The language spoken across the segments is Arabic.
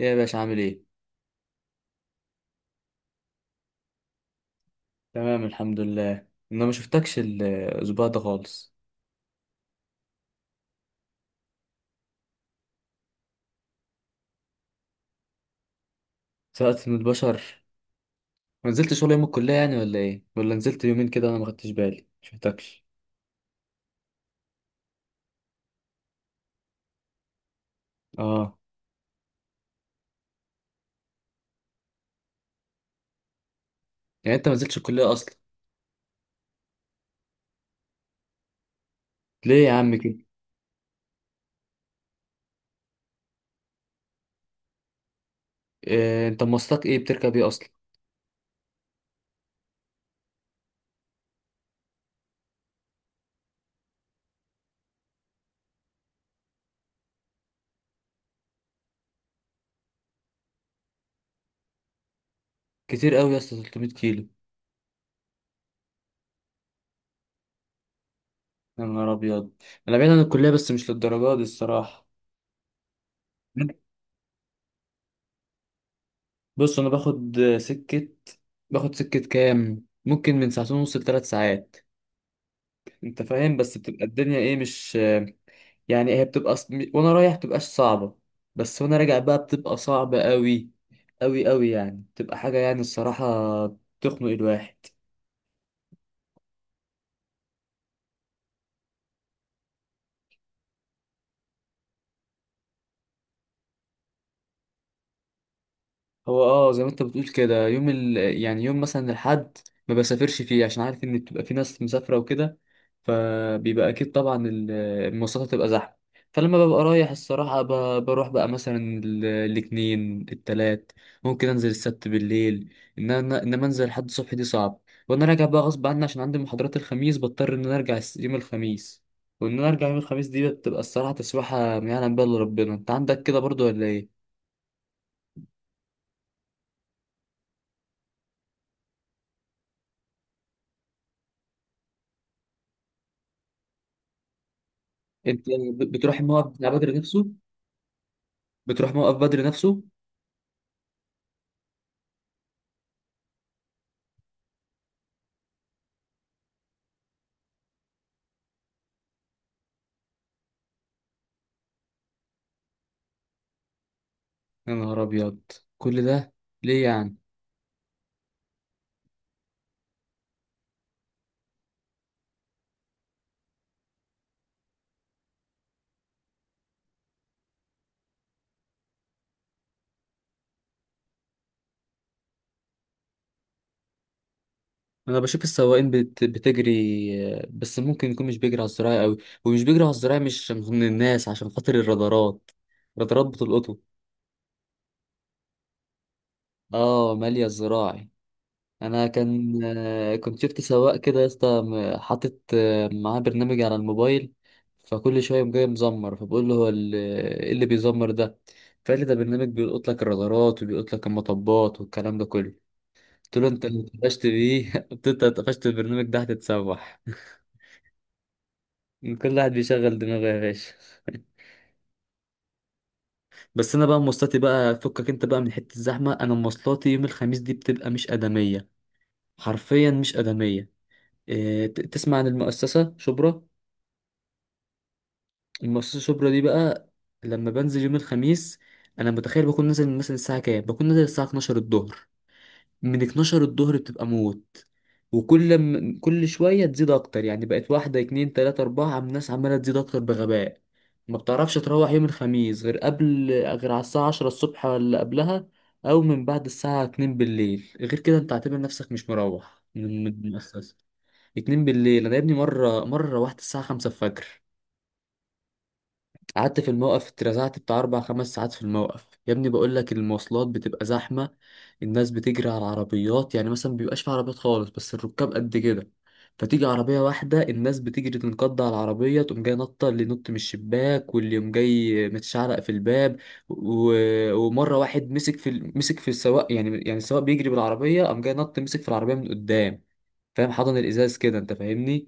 ايه يا باشا عامل ايه؟ تمام الحمد لله. انا ما شفتكش الاسبوع ده خالص، سقطت من البشر. ما نزلتش ولا يوم الكلية يعني ولا ايه؟ ولا نزلت يومين كده، انا ما خدتش بالي ما شفتكش اه. يعني انت ما نزلتش الكلية اصلا؟ ليه يا عم كده؟ إيه انت مواصلات ايه بتركب ايه اصلا؟ كتير قوي يا اسطى، 300 كيلو. يا نهار ابيض. انا بعيد عن الكلية بس مش للدرجة دي الصراحة. بص انا باخد سكة، باخد سكة كام؟ ممكن من ساعتين ونص لثلاث ساعات. انت فاهم، بس بتبقى الدنيا ايه، مش، يعني هي بتبقى وانا رايح بتبقاش صعبة، بس وانا راجع بقى بتبقى صعبة قوي، قوي قوي يعني، بتبقى حاجة يعني الصراحة تخنق الواحد. هو اه زي ما انت بتقول كده يوم يعني يوم مثلا الحد ما بسافرش فيه عشان عارف ان بتبقى في ناس مسافره وكده، فبيبقى اكيد طبعا المواصلات هتبقى زحمه. فلما ببقى رايح الصراحه بروح بقى مثلا الاثنين التلات، ممكن انزل السبت بالليل. ان انا انما انزل لحد الصبح دي صعب. وانا راجع بقى غصب عني عشان عندي محاضرات الخميس، بضطر ان انا ارجع يوم الخميس. وان انا ارجع يوم الخميس دي بتبقى الصراحه تسويحه ما يعلم بها الا ربنا. انت عندك كده برضو ولا ايه؟ انت بتروح الموقف بتاع بدر نفسه؟ بتروح موقف بدر نفسه؟ يا نهار ابيض، كل ده ليه يعني؟ انا بشوف السواقين بتجري، بس ممكن يكون مش بيجري على الزراعي قوي. ومش بيجري على الزراعي مش من الناس عشان خاطر الرادارات، الرادارات بتلقطه. اه، ماليه الزراعي. انا كان كنت شفت سواق كده يا اسطى حاطط معاه برنامج على الموبايل، فكل شويه يقوم جاي مزمر، فبقول له هو ايه اللي بيزمر ده؟ فقال لي ده برنامج بيلقط لك الرادارات وبيلقط لك المطبات والكلام ده كله. قلت له انت اللي اتقفشت بيه، قلت له انت اللي اتقفشت، البرنامج ده هتتسوح. كل واحد بيشغل دماغه يا باشا. بس انا بقى مواصلاتي بقى، فكك انت بقى من حته الزحمه، انا مواصلاتي يوم الخميس دي بتبقى مش ادميه، حرفيا مش ادميه. إيه، تسمع عن المؤسسه شبرا؟ المصاصة الشبرا دي بقى، لما بنزل يوم الخميس انا متخيل بكون نازل مثلا الساعة كام، بكون نازل الساعة 12 الظهر. من 12 الظهر بتبقى موت، وكل كل شوية تزيد اكتر، يعني بقت واحدة اتنين تلاتة اربعة، عم الناس عمالة تزيد اكتر بغباء. ما بتعرفش تروح يوم الخميس غير قبل، غير على الساعة 10 الصبح ولا قبلها، او من بعد الساعة 2 بالليل. غير كده انت اعتبر نفسك مش مروح من المؤسسة. 2 بالليل! انا يا ابني، مرة مرة روحت الساعة 5 الفجر، قعدت في الموقف اترزعت بتاع أربع خمس ساعات في الموقف. يا ابني بقول لك المواصلات بتبقى زحمة، الناس بتجري على العربيات، يعني مثلا مبيبقاش في عربيات خالص بس الركاب قد كده. فتيجي عربية واحدة الناس بتجري تنقض على العربية، تقوم جاي نطة اللي ينط من الشباك واللي يقوم جاي متشعلق في الباب. و... ومرة واحد مسك في مسك في السواق، يعني السواق بيجري بالعربية قام جاي نط مسك في العربية من قدام، فاهم، حضن الإزاز كده، أنت فاهمني.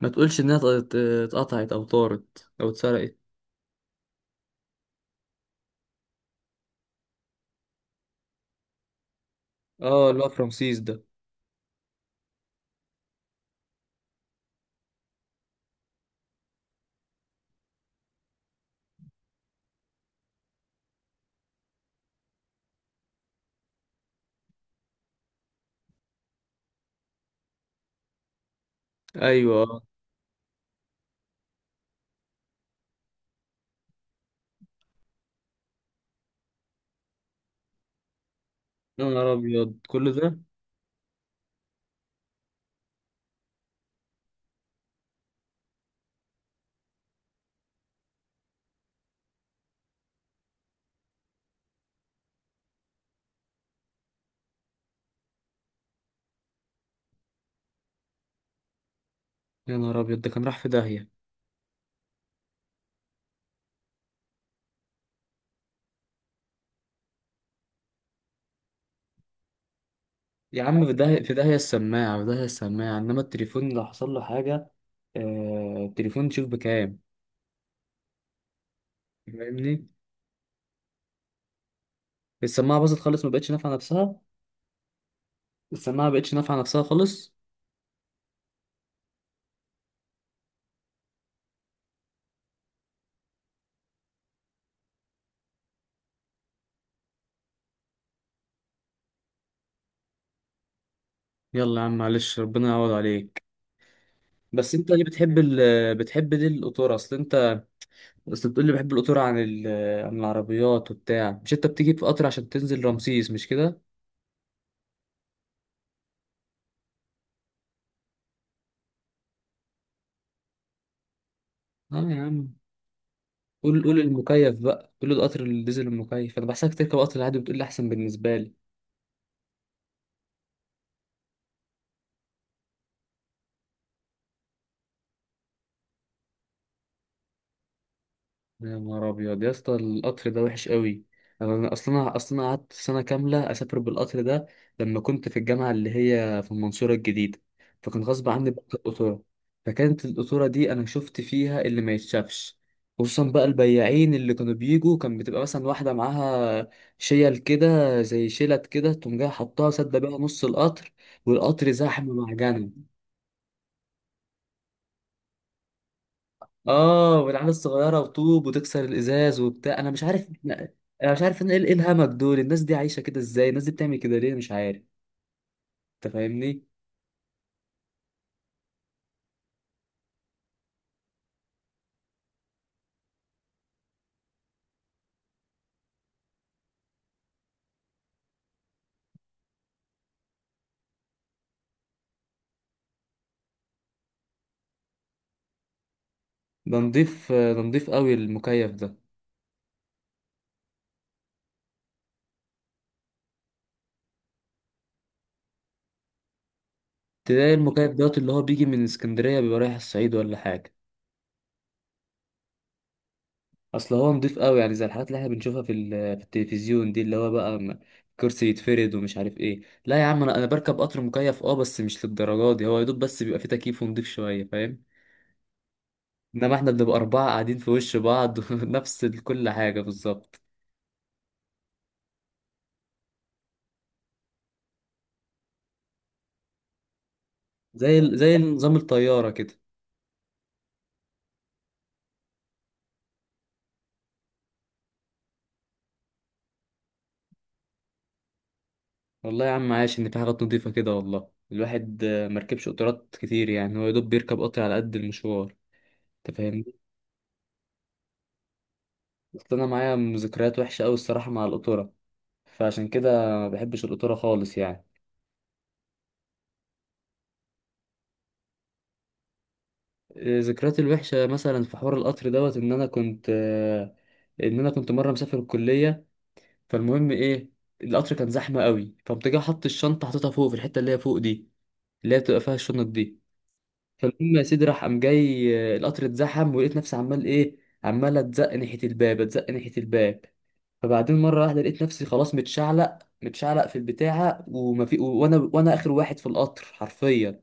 ما تقولش إنها اتقطعت أو طارت أو اتسرقت. اه، اللي هو في رمسيس ده. ايوه آه. يا نهار ابيض، كل ده. يا نهار ابيض، ده كان راح في داهيه. يا عم في داهيه، في داهيه السماعه، في داهيه السماعه، انما التليفون لو حصل له حاجه. آه، التليفون تشوف بكام، فاهمني. السماعه باظت خالص، ما بقتش نافعه نفسها. السماعه ما بقتش نافعه نفسها خالص. يلا يا عم معلش، ربنا يعوض عليك. بس انت ليه بتحب ليه القطور؟ اصل انت، اصل بتقول لي بحب القطور عن عن العربيات وبتاع، مش انت بتيجي في قطر عشان تنزل رمسيس، مش كده؟ اه يا عم، قول قول المكيف بقى، قول القطر الديزل المكيف. انا بحسك تركب قطر العادي، بتقول لي احسن بالنسبه لي. يا نهار ابيض يا اسطى، القطر ده وحش قوي. انا اصلا اصلا قعدت سنه كامله اسافر بالقطر ده لما كنت في الجامعه اللي هي في المنصوره الجديده، فكان غصب عني بركب قطوره. فكانت القطوره دي انا شفت فيها اللي ما يتشافش. خصوصا بقى البياعين اللي كانوا بيجوا، كان بتبقى مثلا واحده معاها شيل كده، زي شيلت كده، تقوم جايه حطها سد بيها نص القطر، والقطر زحمه معجنه. اه، والعيال الصغيره وطوب وتكسر الازاز وبتاع، انا مش عارف انا ايه، إيه الهمج دول؟ الناس دي عايشه كده ازاي؟ الناس دي بتعمل كده ليه؟ مش عارف. انت فاهمني. ده نضيف قوي المكيف ده. تلاقي المكيف دوت اللي هو بيجي من اسكندريه بيبقى رايح الصعيد ولا حاجه، اصل هو نضيف قوي يعني، زي الحاجات اللي احنا بنشوفها في في التلفزيون دي، اللي هو بقى كرسي يتفرد ومش عارف ايه. لا يا عم انا بركب قطر مكيف اه، بس مش للدرجه دي. هو يا دوب بس بيبقى فيه تكييف ونضيف شويه، فاهم. انما احنا بنبقى اربعة قاعدين في وش بعض. نفس كل حاجة بالظبط، زي زي نظام الطيارة كده. والله يا عم عاش، ان في حاجات نضيفة كده. والله الواحد مركبش قطارات كتير، يعني هو يا دوب بيركب قطر على قد المشوار، انت فاهمني. اصل انا معايا ذكريات وحشة قوي الصراحة مع القطورة، فعشان كده ما بحبش القطورة خالص يعني. ذكرياتي الوحشة مثلا في حوار القطر دوت، ان انا كنت مرة مسافر الكلية. فالمهم ايه، القطر كان زحمة قوي فقمت جاي حط الشنطة، حطيتها فوق في الحتة اللي هي فوق دي، اللي هي بتبقى فيها الشنط دي. فالمهم يا سيدي راح قام جاي القطر اتزحم، ولقيت نفسي عمال ايه، عمال اتزق ناحيه الباب اتزق ناحيه الباب. فبعدين مره واحده لقيت نفسي خلاص متشعلق متشعلق في البتاعه، وما في وانا اخر واحد في القطر حرفيا.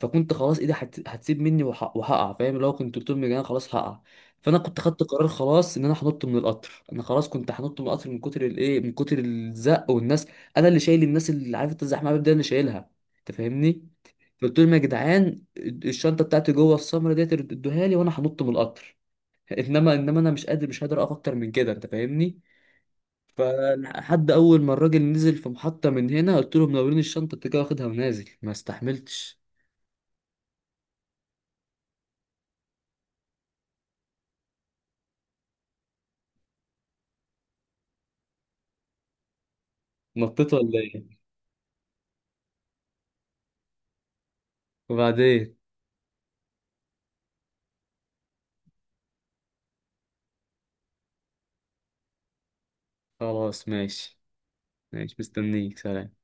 فكنت خلاص ايدي هتسيب مني وهقع، فاهم. لو كنت طول من انا خلاص هقع. فانا كنت خدت قرار خلاص ان انا هنط من القطر، انا خلاص كنت هنط من القطر من كتر الايه، من كتر الزق والناس. انا اللي شايل الناس، اللي عارف انت الزحمه ده اللي شايلها، انت فاهمني. قلت لهم يا جدعان الشنطه بتاعتي جوه السمره ديت، ادوها لي وانا هنط من القطر، انما انا مش قادر مش قادر اقف اكتر من كده، انت فاهمني. فلحد اول ما الراجل نزل في محطة من هنا، قلت له منورين، الشنطة انت كده واخدها ونازل، ما استحملتش. نطيت ولا ايه؟ وبعدين. خلاص ماشي. ماشي مستنيك، سلام.